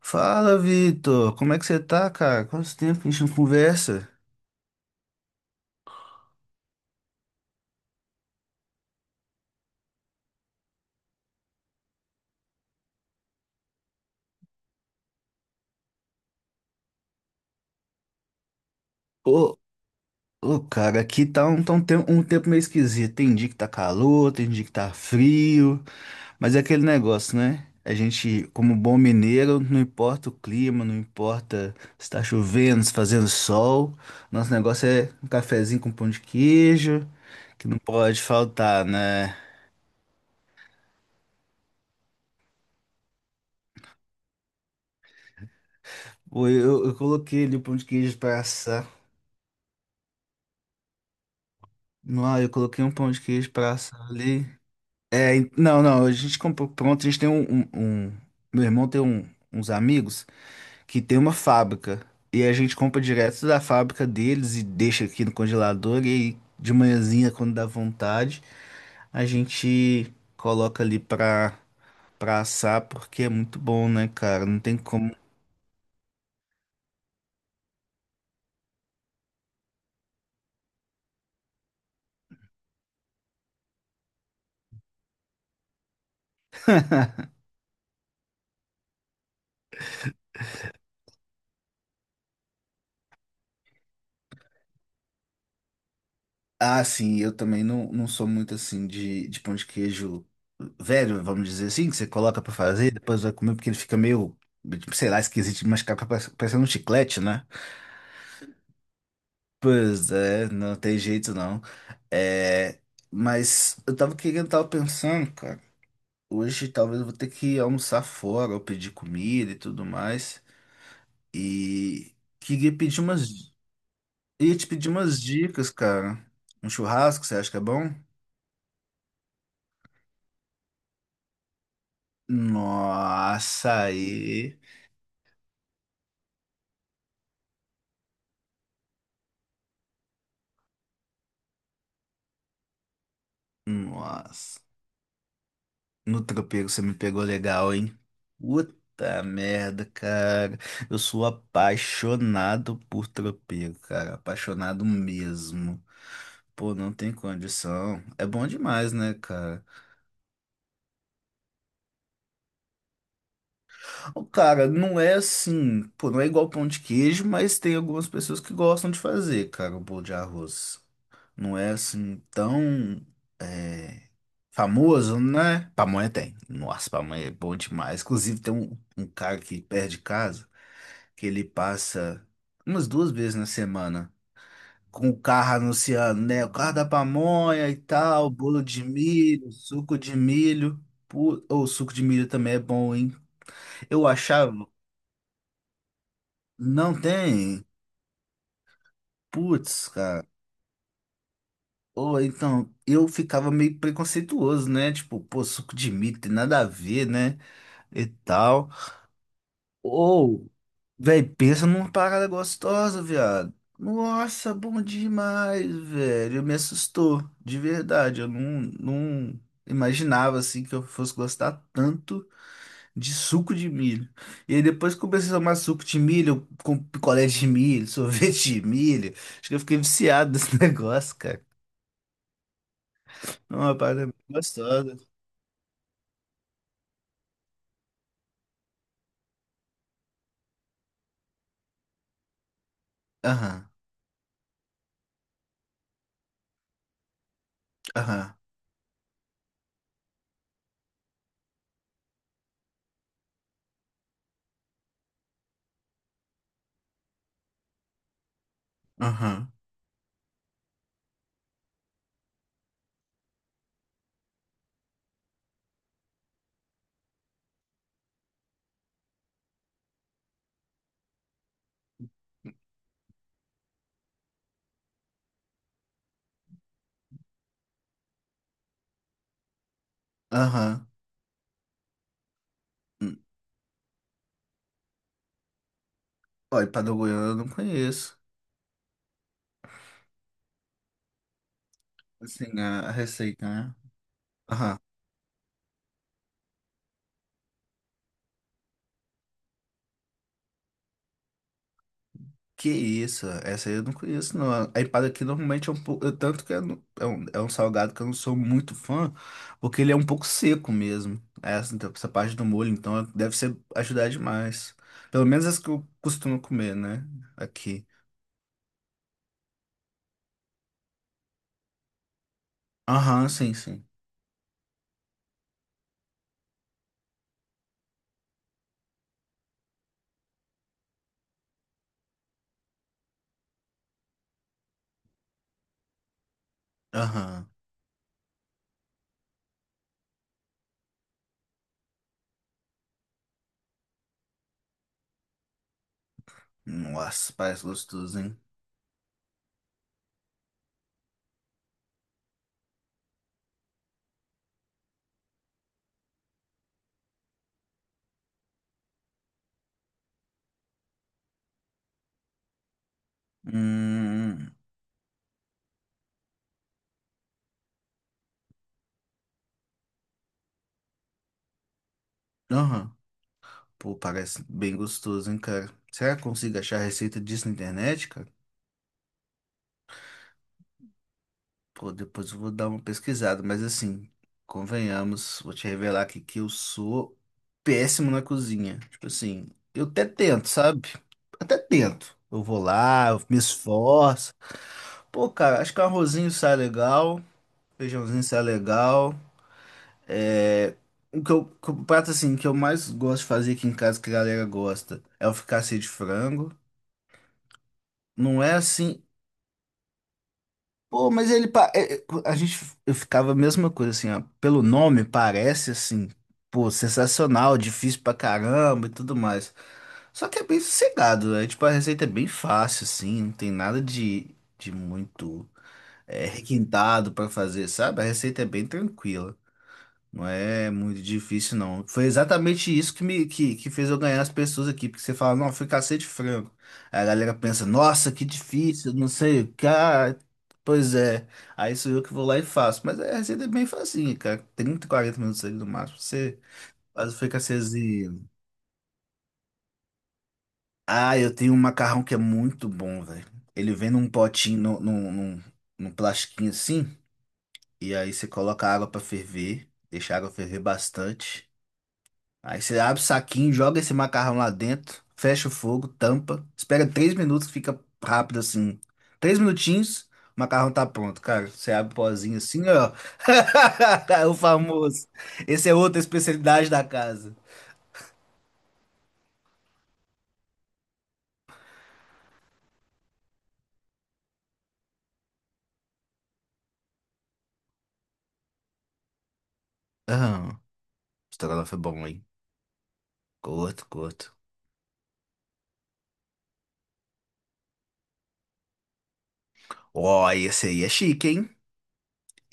Fala, Vitor. Como é que você tá, cara? Quanto tempo que a gente não conversa? Ô, ô, cara, aqui tá um tempo meio esquisito. Tem dia que tá calor, tem dia que tá frio, mas é aquele negócio, né? A gente, como bom mineiro, não importa o clima, não importa se tá chovendo, se tá fazendo sol. Nosso negócio é um cafezinho com pão de queijo, que não pode faltar, né? Pô, Eu coloquei ali o pão de queijo pra assar. Não, eu coloquei um pão de queijo pra assar ali. É, não, não, a gente comprou pronto. A gente tem meu irmão tem uns amigos que tem uma fábrica e a gente compra direto da fábrica deles e deixa aqui no congelador. E aí de manhãzinha, quando dá vontade, a gente coloca ali pra, assar, porque é muito bom, né, cara? Não tem como. Ah, sim, eu também não sou muito assim de pão de queijo velho, vamos dizer assim, que você coloca pra fazer, depois vai comer porque ele fica meio, tipo, sei lá, esquisito de mascar, parecendo um chiclete, né? Pois é, não tem jeito não. É, mas eu tava querendo, tava pensando, cara, hoje talvez eu vou ter que almoçar fora ou pedir comida e tudo mais. E queria pedir umas, ia te pedir umas dicas, cara. Um churrasco, você acha que é bom? Nossa, aí. Nossa. No tropeiro você me pegou legal, hein? Puta merda, cara. Eu sou apaixonado por tropeiro, cara. Apaixonado mesmo. Pô, não tem condição. É bom demais, né, cara? Pô, cara, não é assim, pô, não é igual pão de queijo, mas tem algumas pessoas que gostam de fazer, cara, o bolo de arroz. Não é assim tão é, famoso, né? Pamonha tem. Nossa, pamonha é bom demais. Inclusive, tem um cara aqui perto de casa que ele passa umas duas vezes na semana com o carro anunciando, né? O carro da pamonha e tal, bolo de milho, suco de milho. Pô, ou suco de milho também é bom, hein? Eu achava. Não tem? Putz, cara. Ou então, eu ficava meio preconceituoso, né? Tipo, pô, suco de milho tem nada a ver, né? E tal. Ou, velho, pensa numa parada gostosa, viado. Nossa, bom demais, velho. Me assustou, de verdade. Eu não imaginava, assim, que eu fosse gostar tanto de suco de milho. E aí depois que eu comecei a tomar suco de milho, com picolé de milho, sorvete de milho. Acho que eu fiquei viciado nesse negócio, cara. É uma parada muito gostosa. Aham, aham, aham, aham. Hum. Olha, empadão goiano eu não conheço. Assim, a receita, né? Aham. Que isso, essa aí eu não conheço, não. A empada aqui normalmente é um pouco. Tanto que é, é um salgado que eu não sou muito fã, porque ele é um pouco seco mesmo. Essa, então, essa parte do molho, então deve ser ajudar demais. Pelo menos as que eu costumo comer, né? Aqui. Aham, sim, sim. Aham. Nossa, parece gostoso, hein? Hum. Aham. Pô, parece bem gostoso, hein, cara? Será que eu consigo achar a receita disso na internet, cara? Pô, depois eu vou dar uma pesquisada, mas assim, convenhamos, vou te revelar aqui que eu sou péssimo na cozinha. Tipo assim, eu até tento, sabe? Até tento. Eu vou lá, eu me esforço. Pô, cara, acho que um arrozinho sai legal, feijãozinho sai legal. É. Que o prato assim que eu mais gosto de fazer aqui em casa que a galera gosta é o fricassê de frango. Não é assim. Pô, mas ele... a gente... Eu ficava a mesma coisa, assim, ó. Pelo nome, parece, assim, pô, sensacional, difícil pra caramba e tudo mais. Só que é bem sossegado, né? Tipo, a receita é bem fácil, assim, não tem nada de, muito requintado pra fazer, sabe? A receita é bem tranquila. Não é muito difícil, não. Foi exatamente isso que fez eu ganhar as pessoas aqui, porque você fala, não, foi cacete frango. Aí a galera pensa, nossa, que difícil, não sei o que. Ah, pois é, aí sou eu que vou lá e faço. Mas a receita é bem facinha, cara. 30 40 minutos ali no máximo. Você faz o fricassêzinho. Ah, eu tenho um macarrão que é muito bom, velho. Ele vem num potinho, num plastiquinho assim, e aí você coloca a água pra ferver, deixa a água ferver bastante. Aí você abre o saquinho, joga esse macarrão lá dentro, fecha o fogo, tampa, espera 3 minutos, fica rápido assim. 3 minutinhos, o macarrão tá pronto, cara. Você abre o pozinho assim, ó. O famoso. Esse é outra especialidade da casa. Aham. Estrogonofe é bom, hein? Curto, curto. Ó, esse aí é chique, hein?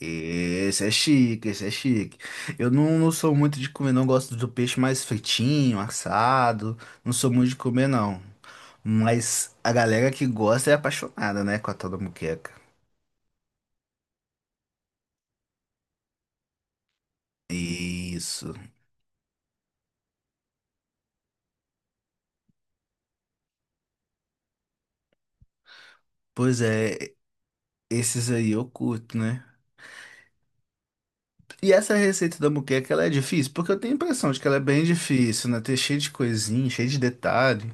Esse é chique, esse é chique. Eu não sou muito de comer, não gosto do peixe mais fritinho, assado. Não sou muito de comer, não. Mas a galera que gosta é apaixonada, né, com a tal da moqueca. Isso. Pois é, esses aí eu curto, né? E essa receita da moqueca, ela é difícil? Porque eu tenho a impressão de que ela é bem difícil, né? Tem cheio de coisinha, cheio de detalhe.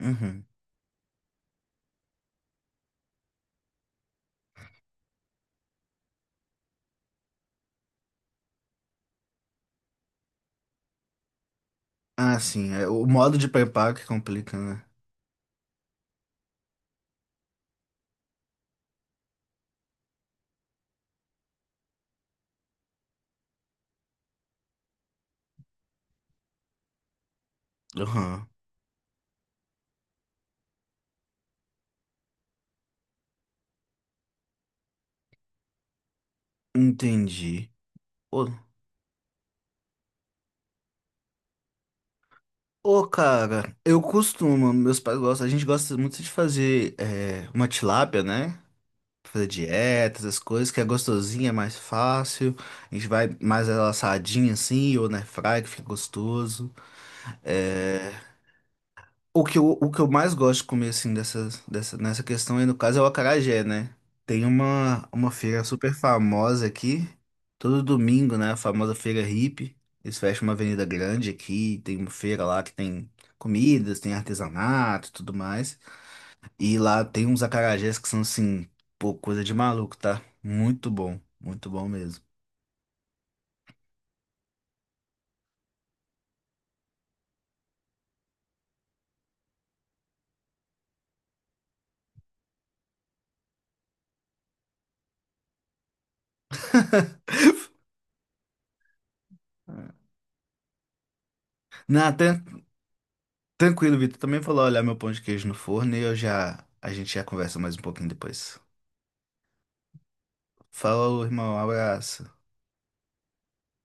Uhum. Ah, sim, é o modo de preparo que complica, né? Aham. Entendi. Ô, ô, cara, eu costumo, meus pais gostam, a gente gosta muito de fazer uma tilápia, né? Fazer dieta, essas coisas, que é gostosinha, é mais fácil. A gente vai mais ela assadinha assim, ou na fry, que fica gostoso. É. O que eu mais gosto de comer, assim, dessas, dessa, nessa questão aí, no caso, é o acarajé, né? Tem uma, feira super famosa aqui, todo domingo, né? A famosa feira hippie. Eles fecham uma avenida grande aqui, tem uma feira lá que tem comidas, tem artesanato e tudo mais. E lá tem uns acarajés que são assim, pô, coisa de maluco, tá? Muito bom mesmo. Não, tranquilo, Vitor. Também vou lá olhar meu pão de queijo no forno e eu já, a gente já conversa mais um pouquinho depois. Falou, irmão, abraço.